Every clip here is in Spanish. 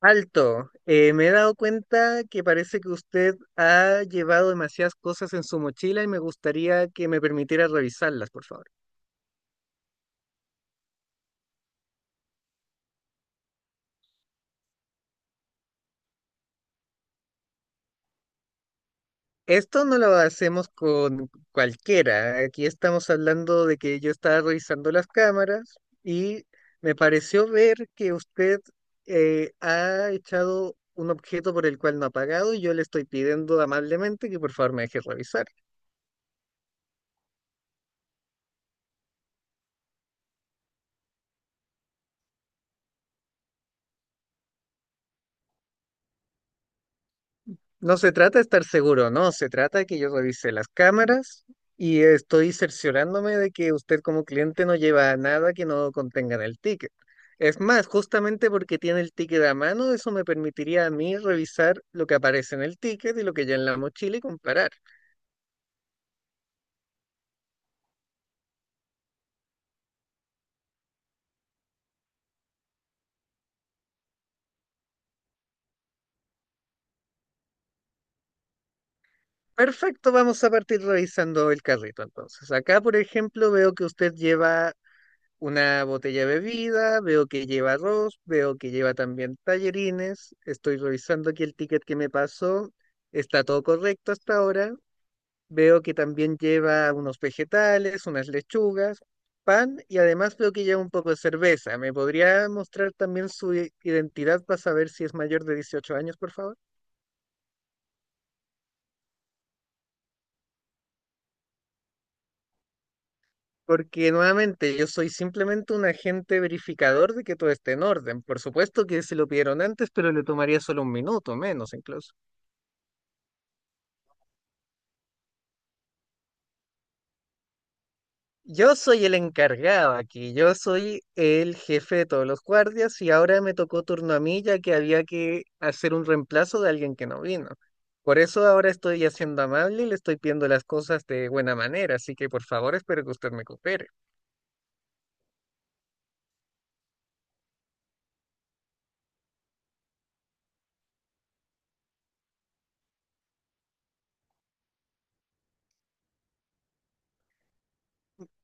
Alto, me he dado cuenta que parece que usted ha llevado demasiadas cosas en su mochila y me gustaría que me permitiera revisarlas, por favor. Esto no lo hacemos con cualquiera. Aquí estamos hablando de que yo estaba revisando las cámaras y me pareció ver que usted ha echado un objeto por el cual no ha pagado y yo le estoy pidiendo amablemente que por favor me deje revisar. No se trata de estar seguro, no, se trata de que yo revise las cámaras y estoy cerciorándome de que usted como cliente no lleva nada que no contenga en el ticket. Es más, justamente porque tiene el ticket a mano, eso me permitiría a mí revisar lo que aparece en el ticket y lo que ya en la mochila y comparar. Perfecto, vamos a partir revisando el carrito entonces. Acá, por ejemplo, veo que usted lleva una botella de bebida, veo que lleva arroz, veo que lleva también tallerines, estoy revisando aquí el ticket que me pasó, está todo correcto hasta ahora, veo que también lleva unos vegetales, unas lechugas, pan y además veo que lleva un poco de cerveza. ¿Me podría mostrar también su identidad para saber si es mayor de 18 años, por favor? Porque nuevamente yo soy simplemente un agente verificador de que todo esté en orden. Por supuesto que se lo pidieron antes, pero le tomaría solo un minuto, menos incluso. Yo soy el encargado aquí, yo soy el jefe de todos los guardias y ahora me tocó turno a mí ya que había que hacer un reemplazo de alguien que no vino. Por eso ahora estoy haciendo amable y le estoy pidiendo las cosas de buena manera, así que por favor espero que usted me coopere.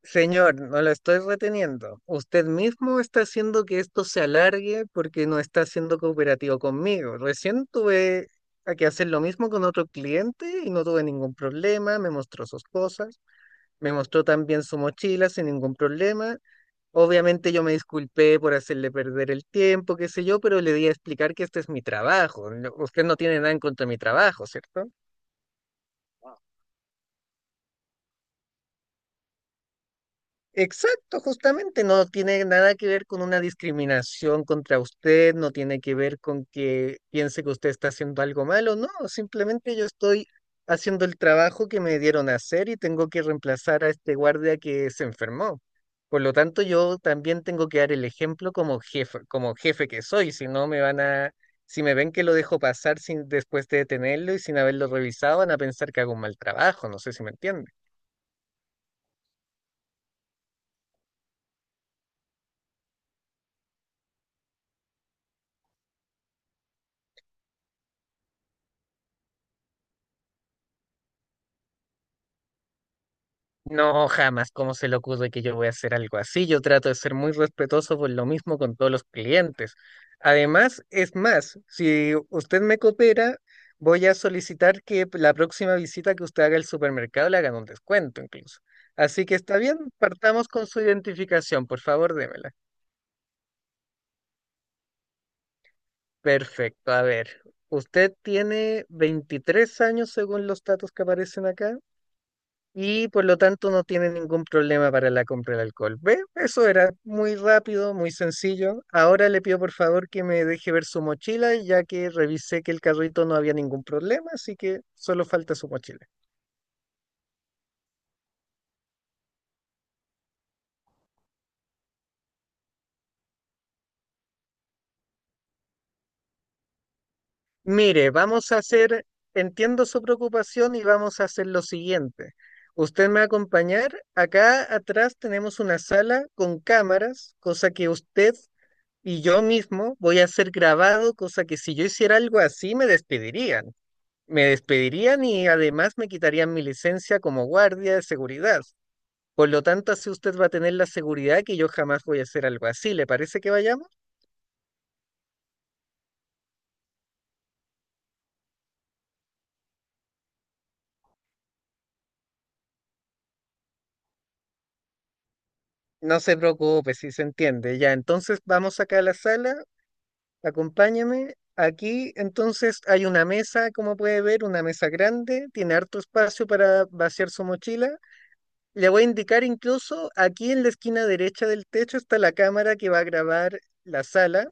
Señor, no lo estoy reteniendo. Usted mismo está haciendo que esto se alargue porque no está siendo cooperativo conmigo. Recién tuve a que hacer lo mismo con otro cliente y no tuve ningún problema, me mostró sus cosas. Me mostró también su mochila sin ningún problema. Obviamente yo me disculpé por hacerle perder el tiempo, qué sé yo, pero le di a explicar que este es mi trabajo. Usted no tiene nada en contra de mi trabajo, ¿cierto? Exacto, justamente no tiene nada que ver con una discriminación contra usted, no tiene que ver con que piense que usted está haciendo algo malo, no, simplemente yo estoy haciendo el trabajo que me dieron a hacer y tengo que reemplazar a este guardia que se enfermó. Por lo tanto, yo también tengo que dar el ejemplo como jefe que soy, si no me van a, si me ven que lo dejo pasar sin, después de detenerlo y sin haberlo revisado, van a pensar que hago un mal trabajo, no sé si me entienden. No, jamás, ¿cómo se le ocurre que yo voy a hacer algo así? Yo trato de ser muy respetuoso por lo mismo con todos los clientes. Además, es más, si usted me coopera, voy a solicitar que la próxima visita que usted haga al supermercado le hagan un descuento incluso. Así que está bien, partamos con su identificación, por favor, démela. Perfecto, a ver, usted tiene 23 años según los datos que aparecen acá, y por lo tanto no tiene ningún problema para la compra del alcohol. ¿Ve? Eso era muy rápido, muy sencillo. Ahora le pido por favor que me deje ver su mochila, ya que revisé que el carrito no había ningún problema, así que solo falta su mochila. Mire, vamos a hacer, entiendo su preocupación y vamos a hacer lo siguiente. Usted me va a acompañar. Acá atrás tenemos una sala con cámaras, cosa que usted y yo mismo voy a ser grabado, cosa que si yo hiciera algo así me despedirían. Me despedirían y además me quitarían mi licencia como guardia de seguridad. Por lo tanto, así usted va a tener la seguridad que yo jamás voy a hacer algo así. ¿Le parece que vayamos? No se preocupe, si se entiende. Ya, entonces vamos acá a la sala, acompáñame. Aquí entonces hay una mesa, como puede ver, una mesa grande, tiene harto espacio para vaciar su mochila. Le voy a indicar incluso aquí en la esquina derecha del techo está la cámara que va a grabar la sala.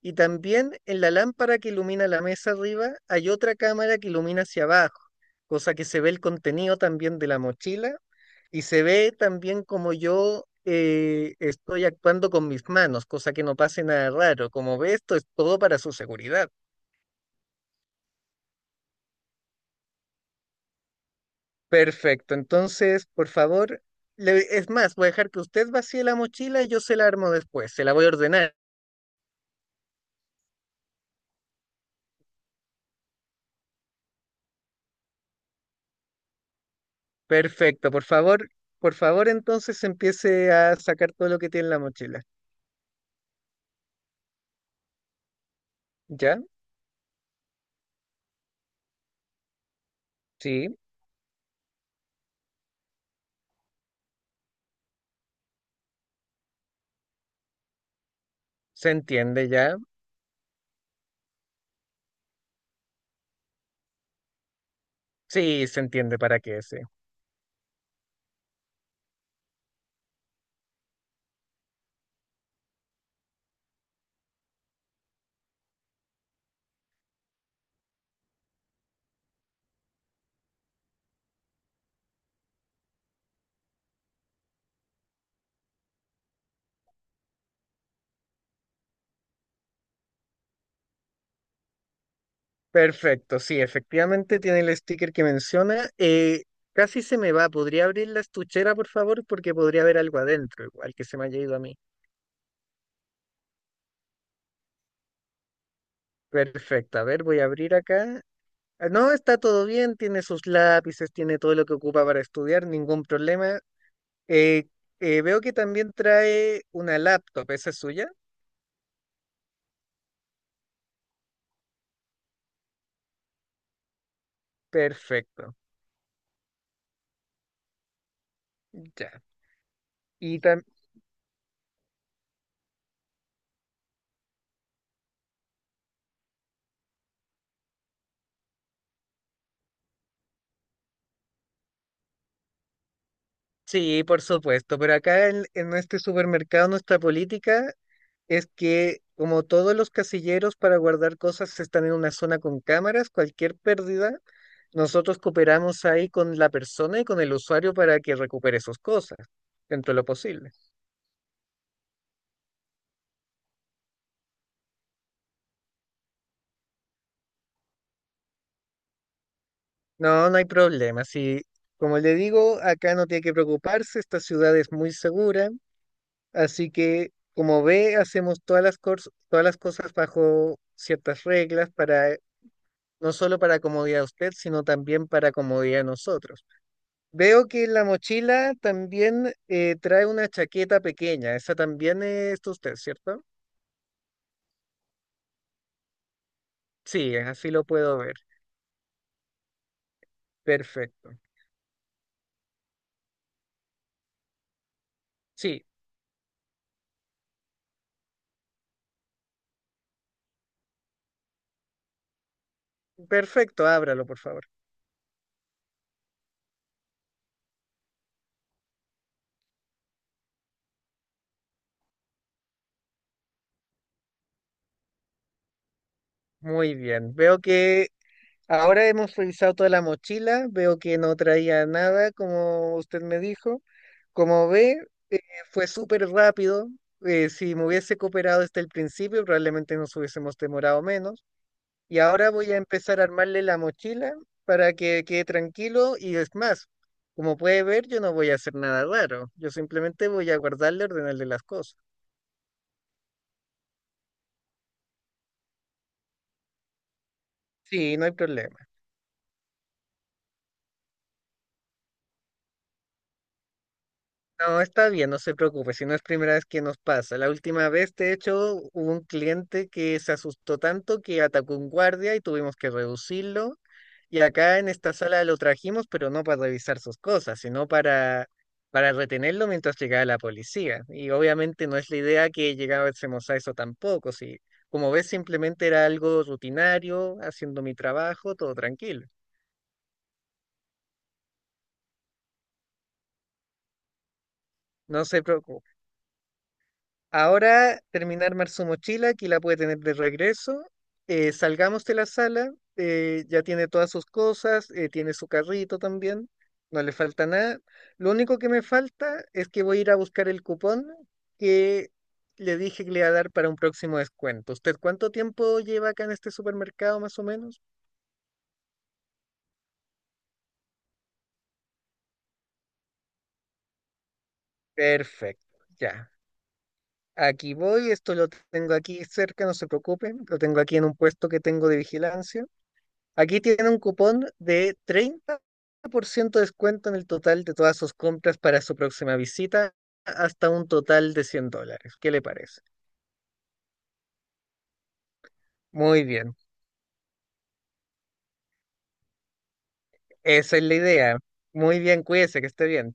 Y también en la lámpara que ilumina la mesa arriba hay otra cámara que ilumina hacia abajo, cosa que se ve el contenido también de la mochila y se ve también como yo estoy actuando con mis manos, cosa que no pase nada raro. Como ve, esto es todo para su seguridad. Perfecto, entonces, por favor, es más, voy a dejar que usted vacíe la mochila y yo se la armo después, se la voy a ordenar. Perfecto, por favor, entonces empiece a sacar todo lo que tiene en la mochila. ¿Ya? Sí, se entiende ya. Sí, se entiende para qué ese. Perfecto, sí, efectivamente tiene el sticker que menciona. Casi se me va. ¿Podría abrir la estuchera, por favor? Porque podría haber algo adentro, igual que se me haya ido a mí. Perfecto, a ver, voy a abrir acá. Ah, no, está todo bien, tiene sus lápices, tiene todo lo que ocupa para estudiar, ningún problema. Eh, veo que también trae una laptop, ¿esa es suya? Perfecto, ya. Y sí, por supuesto, pero acá en este supermercado nuestra política es que como todos los casilleros para guardar cosas están en una zona con cámaras, cualquier pérdida, nosotros cooperamos ahí con la persona y con el usuario para que recupere sus cosas dentro de lo posible. No, no hay problema. Si, como le digo, acá no tiene que preocuparse, esta ciudad es muy segura, así que como ve, hacemos todas las, todas las cosas bajo ciertas reglas para no solo para comodidad de usted, sino también para comodidad de nosotros. Veo que la mochila también trae una chaqueta pequeña, esa también es de usted, ¿cierto? Sí, así lo puedo ver. Perfecto. Sí, perfecto, ábralo, por favor. Muy bien. Veo que ahora hemos revisado toda la mochila, veo que no traía nada, como usted me dijo. Como ve, eh, fue súper rápido. Si me hubiese cooperado desde el principio, probablemente nos hubiésemos demorado menos. Y ahora voy a empezar a armarle la mochila para que quede tranquilo y es más, como puede ver, yo no voy a hacer nada raro, yo simplemente voy a guardarle, ordenarle las cosas. Sí, no hay problema. No, está bien, no se preocupe, si no es primera vez que nos pasa. La última vez, de hecho, hubo un cliente que se asustó tanto que atacó un guardia y tuvimos que reducirlo. Y acá en esta sala lo trajimos, pero no para revisar sus cosas, sino para retenerlo mientras llegaba la policía. Y obviamente no es la idea que llegásemos a eso tampoco. Si, como ves, simplemente era algo rutinario, haciendo mi trabajo, todo tranquilo. No se preocupe. Ahora terminar su mochila, aquí la puede tener de regreso. Salgamos de la sala, ya tiene todas sus cosas, tiene su carrito también, no le falta nada. Lo único que me falta es que voy a ir a buscar el cupón que le dije que le iba a dar para un próximo descuento. ¿Usted cuánto tiempo lleva acá en este supermercado más o menos? Perfecto, ya. Aquí voy, esto lo tengo aquí cerca, no se preocupen, lo tengo aquí en un puesto que tengo de vigilancia. Aquí tiene un cupón de 30 por ciento de descuento en el total de todas sus compras para su próxima visita, hasta un total de $100. ¿Qué le parece? Muy bien, esa es la idea. Muy bien, cuídese, que esté bien.